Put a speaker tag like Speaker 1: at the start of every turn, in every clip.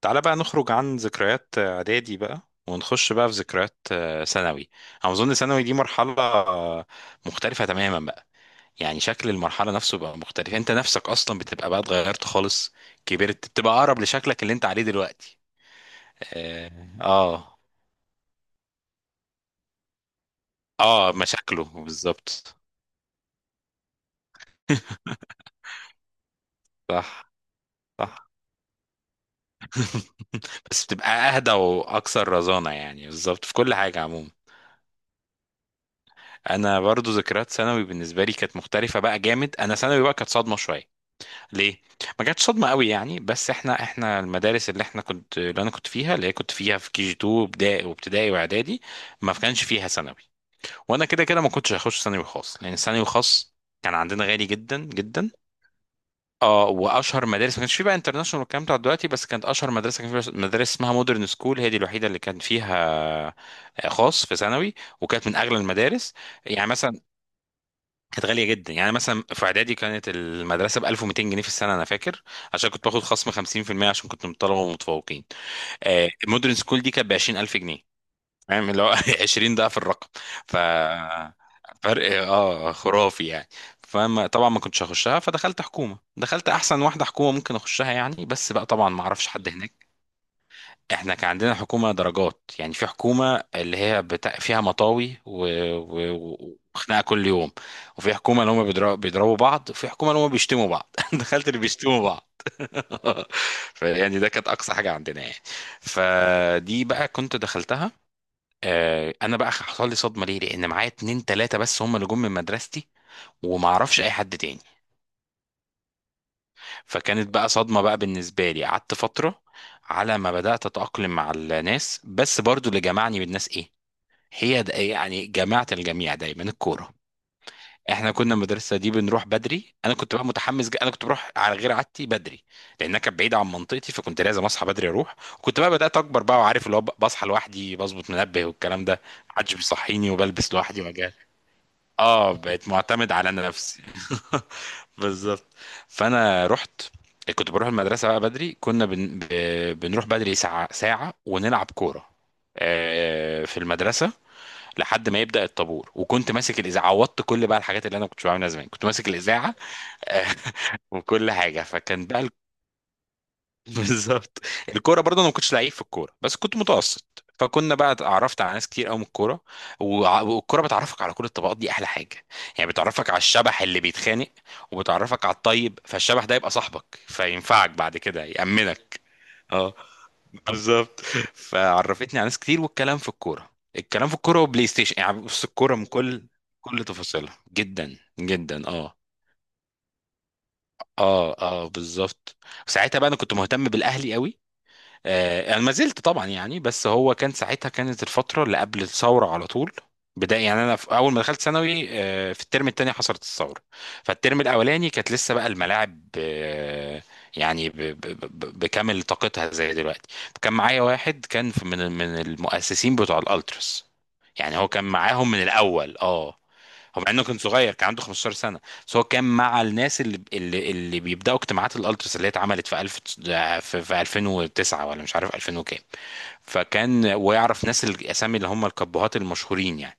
Speaker 1: تعالى بقى نخرج عن ذكريات اعدادي بقى ونخش بقى في ذكريات ثانوي. انا اظن ثانوي دي مرحله مختلفه تماما بقى. يعني شكل المرحله نفسه بقى مختلف، انت نفسك اصلا بتبقى بقى اتغيرت خالص، كبرت بتبقى اقرب لشكلك اللي انت عليه دلوقتي. اه. اه. مشاكله بالظبط. صح. صح. بس بتبقى اهدى واكثر رزانه يعني، بالظبط في كل حاجه عموما. انا برضو ذكريات ثانوي بالنسبه لي كانت مختلفه بقى جامد. انا ثانوي بقى كانت صدمه شويه. ليه؟ ما جاتش صدمه قوي يعني، بس احنا المدارس اللي احنا كنت اللي انا كنت فيها اللي هي كنت فيها في كي جي 2، ابتدائي وابتدائي واعدادي، ما كانش فيها ثانوي. وانا كده كده ما كنتش هخش ثانوي خاص لان ثانوي خاص كان عندنا غالي جدا جدا. اه. واشهر مدارس ما كانش فيه بقى انترناشونال والكلام بتاع دلوقتي، بس كانت اشهر مدرسه كان فيها مدرسه اسمها مودرن سكول، هي دي الوحيده اللي كان فيها خاص في ثانوي، وكانت من اغلى المدارس. يعني مثلا كانت غالية جدا. يعني مثلا في إعدادي كانت المدرسة ب 1200 جنيه في السنة أنا فاكر. عشان كنت باخد خصم 50% عشان كنت من الطلبة ومتفوقين. المودرن سكول دي كانت ب 20000 جنيه، فاهم اللي هو 20 ضعف الرقم. ف فرق اه خرافي يعني. فما طبعا ما كنتش هخشها، فدخلت حكومة، دخلت أحسن واحدة حكومة ممكن أخشها يعني، بس بقى طبعا ما أعرفش حد هناك. احنا كان عندنا حكومة درجات، يعني في حكومة اللي هي فيها مطاوي وخناقة كل يوم. وفي حكومة اللي هم بيضربوا بعض، وفي حكومة اللي هم بيشتموا بعض. دخلت اللي بيشتموا بعض. فيعني ده كانت أقصى حاجة عندنا يعني. فدي بقى كنت دخلتها. أنا بقى حصل لي صدمة ليه، لأن معايا اتنين تلاتة بس هم اللي جم من مدرستي، وما اعرفش اي حد تاني. فكانت بقى صدمة بقى بالنسبة لي، قعدت فترة على ما بدأت أتأقلم مع الناس. بس برضو اللي جمعني بالناس إيه؟ هي يعني جماعة الجميع دايما الكورة. احنا كنا المدرسة دي بنروح بدري. انا كنت بقى متحمس جدا. انا كنت بروح على غير عادتي بدري لانها كانت بعيدة عن منطقتي، فكنت لازم اصحى بدري اروح. وكنت بقى بدأت اكبر بقى وعارف اللي هو بصحى لوحدي، بظبط منبه والكلام ده، محدش بيصحيني، وبلبس لوحدي وأجهز. اه بقيت معتمد على نفسي. بالظبط. فانا رحت كنت بروح المدرسه بقى بدري. كنا بنروح بدري ساعه ساعه ونلعب كوره في المدرسه، لحد ما يبدا الطابور. وكنت ماسك الاذاعه، عوضت كل بقى الحاجات اللي انا ما كنتش بعملها زمان. كنت ماسك الاذاعه وكل حاجه. فكان بقى بالظبط. الكوره برضه انا ما كنتش لعيب في الكوره بس كنت متوسط، فكنا بقى اتعرفت على ناس كتير قوي من الكوره. والكوره بتعرفك على كل الطبقات، دي احلى حاجه. يعني بتعرفك على الشبح اللي بيتخانق، وبتعرفك على الطيب. فالشبح ده يبقى صاحبك فينفعك بعد كده يأمنك. اه بالظبط. فعرفتني على ناس كتير، والكلام في الكوره، الكلام في الكوره وبلاي ستيشن. يعني بص الكوره من كل كل تفاصيلها جدا جدا. اه. اه. اه بالظبط. ساعتها بقى انا كنت مهتم بالاهلي قوي. انا ما زلت طبعا يعني، بس هو كان ساعتها كانت الفتره اللي قبل الثوره على طول، بداية. يعني انا في اول ما دخلت ثانوي في الترم الثاني حصلت الثوره. فالترم الاولاني كانت لسه بقى الملاعب يعني بكامل طاقتها زي دلوقتي. كان معايا واحد كان من المؤسسين بتوع الالتراس، يعني هو كان معاهم من الاول اه. هو مع انه كان صغير كان عنده 15 سنه، بس هو كان مع الناس اللي بيبداوا اجتماعات الالتراس اللي هي اتعملت في 1000 في 2009 ولا مش عارف 2000 وكام. فكان ويعرف ناس الاسامي اللي هم الكبهات المشهورين يعني.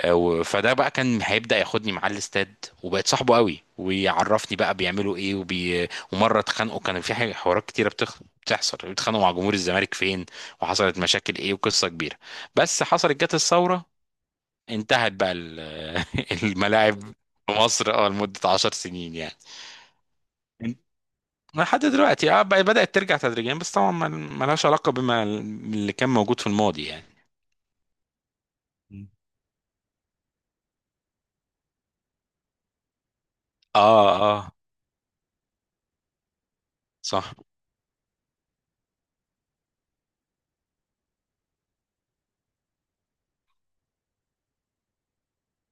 Speaker 1: فده بقى كان هيبدا ياخدني معاه الاستاد، وبقت صاحبه قوي، ويعرفني بقى بيعملوا ايه ومره اتخانقوا. كان في حاجه حوارات كتيره بتحصل بيتخانقوا مع جمهور الزمالك فين، وحصلت مشاكل ايه وقصه كبيره. بس حصلت جت الثوره، انتهت بقى الملاعب في مصر اه لمده 10 سنين يعني. يعني لحد دلوقتي اه بدأت ترجع تدريجيا، بس طبعا ملهاش علاقة بما اللي كان موجود في الماضي يعني. مم. اه. اه. صح.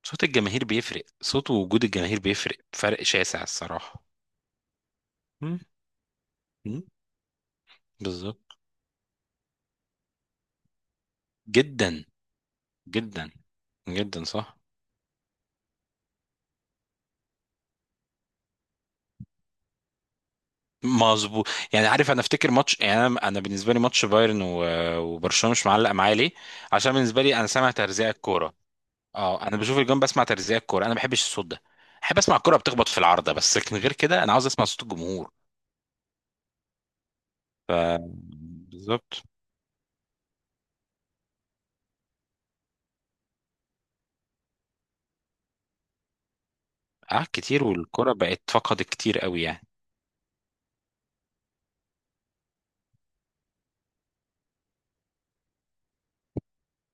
Speaker 1: صوت الجماهير بيفرق، صوت ووجود الجماهير بيفرق فرق شاسع الصراحة. مم. مم. بالظبط. جدا. جدا. جدا. صح. مظبوط. يعني عارف انا افتكر ماتش، يعني انا بالنسبه لي ماتش بايرن وبرشلونه مش معلق معايا ليه؟ عشان بالنسبه لي انا سامع ترزيع الكوره. اه انا بشوف الجون بسمع ترزيع الكوره، انا ما بحبش الصوت ده. احب اسمع الكوره بتخبط في العارضه بس، لكن غير كده انا عاوز اسمع صوت الجمهور. بالظبط. اه كتير، والكرة بقت فقدت كتير قوي يعني.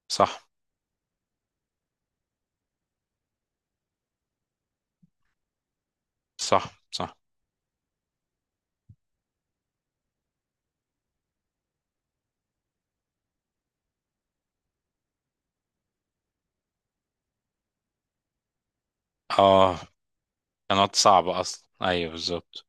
Speaker 1: صح. صح. صح. اه كانت صعبة اصلا، ايوه بالظبط.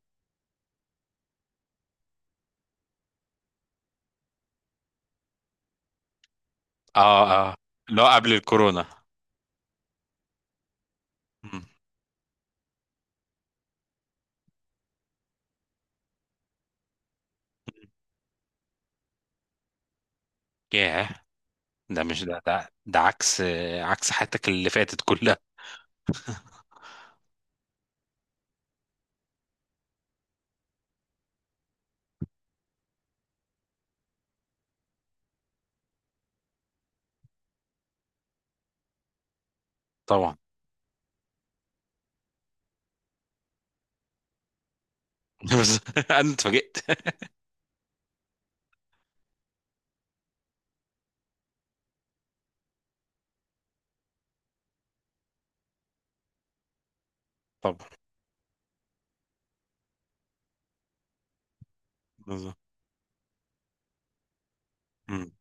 Speaker 1: اه. اه. لا قبل الكورونا. مم. ياه. ده مش ده عكس، عكس حياتك اللي فاتت كلها. طبعا. بس انا اتفاجئت. طبعا. بالظبط. مم.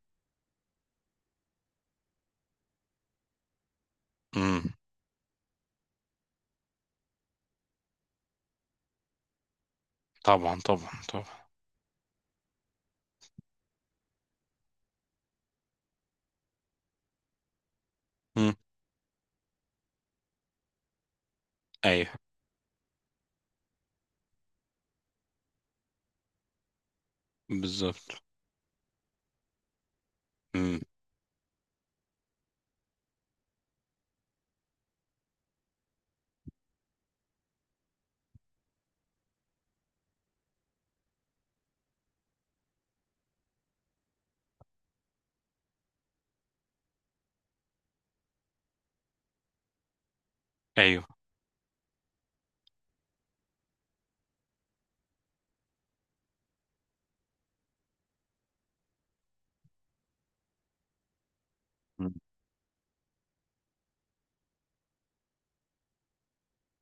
Speaker 1: مم. طبعا طبعا طبعا. مم. ايوه بالظبط. امم. ايوه. مم.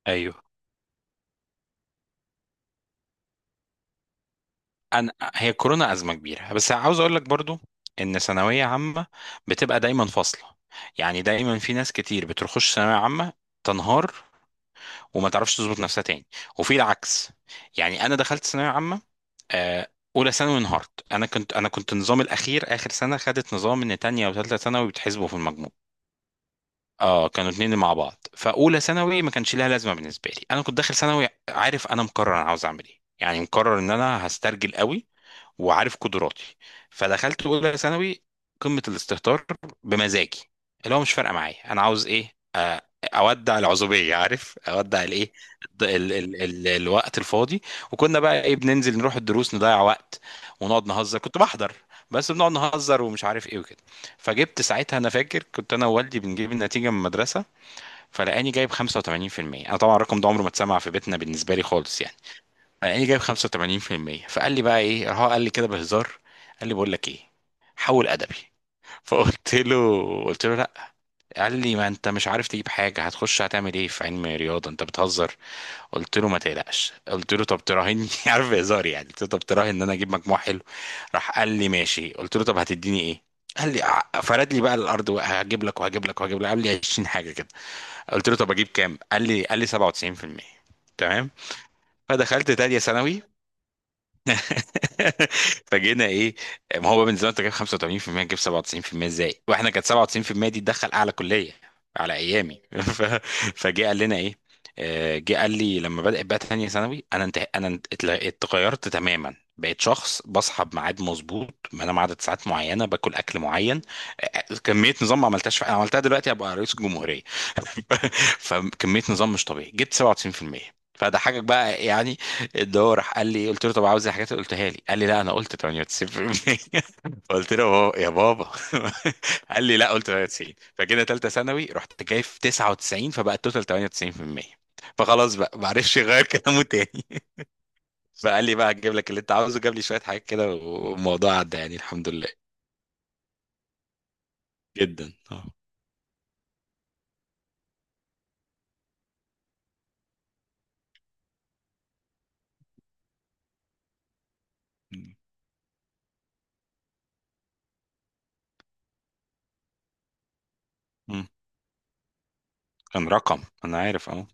Speaker 1: ايوه. انا هي كورونا ازمه كبيره، بس عاوز اقول لك برضو ان ثانويه عامه بتبقى دايما فاصله. يعني دايما في ناس كتير بتخش ثانويه عامه تنهار وما تعرفش تظبط نفسها تاني، وفي العكس. يعني انا دخلت ثانويه عامه آه، اولى ثانوي انهارت. انا كنت نظام الاخير اخر سنه خدت نظام ان تانية وثالثه ثانوي بتحسبوا في المجموع. اه كانوا اتنين مع بعض. فاولى ثانوي ما كانش لها لازمه بالنسبه لي، انا كنت داخل ثانوي عارف، انا مقرر انا عاوز اعمل ايه يعني، مقرر ان انا هسترجل قوي وعارف قدراتي. فدخلت اولى ثانوي قمه الاستهتار بمزاجي، اللي هو مش فارقه معايا انا عاوز ايه، اودع العزوبيه عارف، اودع الايه، الد- ال ال ال الوقت الفاضي. وكنا بقى ايه؟ بننزل نروح الدروس نضيع وقت ونقعد نهزر. كنت بحضر بس بنقعد نهزر ومش عارف ايه وكده. فجبت ساعتها انا فاكر، كنت انا ووالدي بنجيب النتيجه من المدرسه، فلقاني جايب 85%. انا طبعا الرقم ده عمره ما اتسمع في بيتنا بالنسبه لي خالص يعني. لقاني جايب 85%. فقال لي بقى ايه؟ راح هو قال لي كده بهزار، قال لي بقول لك ايه؟ حول ادبي. فقلت له قلت له لا. قال لي ما انت مش عارف تجيب حاجه، هتخش هتعمل ايه في علم رياضه؟ انت بتهزر. قلت له ما تقلقش، قلت له طب تراهني عارف هزار يعني، قلت له طب تراهن ان انا اجيب مجموع حلو. راح قال لي ماشي. قلت له طب هتديني ايه؟ قال لي فرد لي بقى الارض، وهجيب لك وهجيب لك وهجيب لك. قال لي 20 حاجه. قلت له طب اجيب كام؟ قال لي 97%. تمام. فدخلت تانية ثانوي. فجينا ايه؟ ما هو بقى من زمان انت جايب 85%، تجيب 97% ازاي؟ واحنا كانت 97% دي تدخل اعلى كلية على ايامي. ف... فجه قال لنا ايه؟ جه قال لي لما بدأت بقى تانية ثانوي اتغيرت تماما، بقيت شخص بصحى بميعاد مظبوط، بنام عدد ساعات معينه، باكل اكل معين. آه، كميه نظام ما عملتهاش عملتها دلوقتي ابقى رئيس الجمهوريه. فكميه نظام مش طبيعي جبت 97%، فده حاجه بقى يعني. اللي هو راح قال لي، قلت له طب عاوز الحاجات اللي قلتها لي، قال لي لا انا قلت 98%. قلت له يا بابا. قال لي لا قلت 98. فجينا ثالثه ثانوي رحت جايب 99، فبقى التوتال 98%. فخلاص بقى معرفش يغير كلامه تاني. فقال لي بقى هجيب لك اللي انت عاوزه، جاب لي شويه حاجات كده، والموضوع عدى يعني الحمد لله. جدا اه. مم. كان رقم، انا عارف. اه.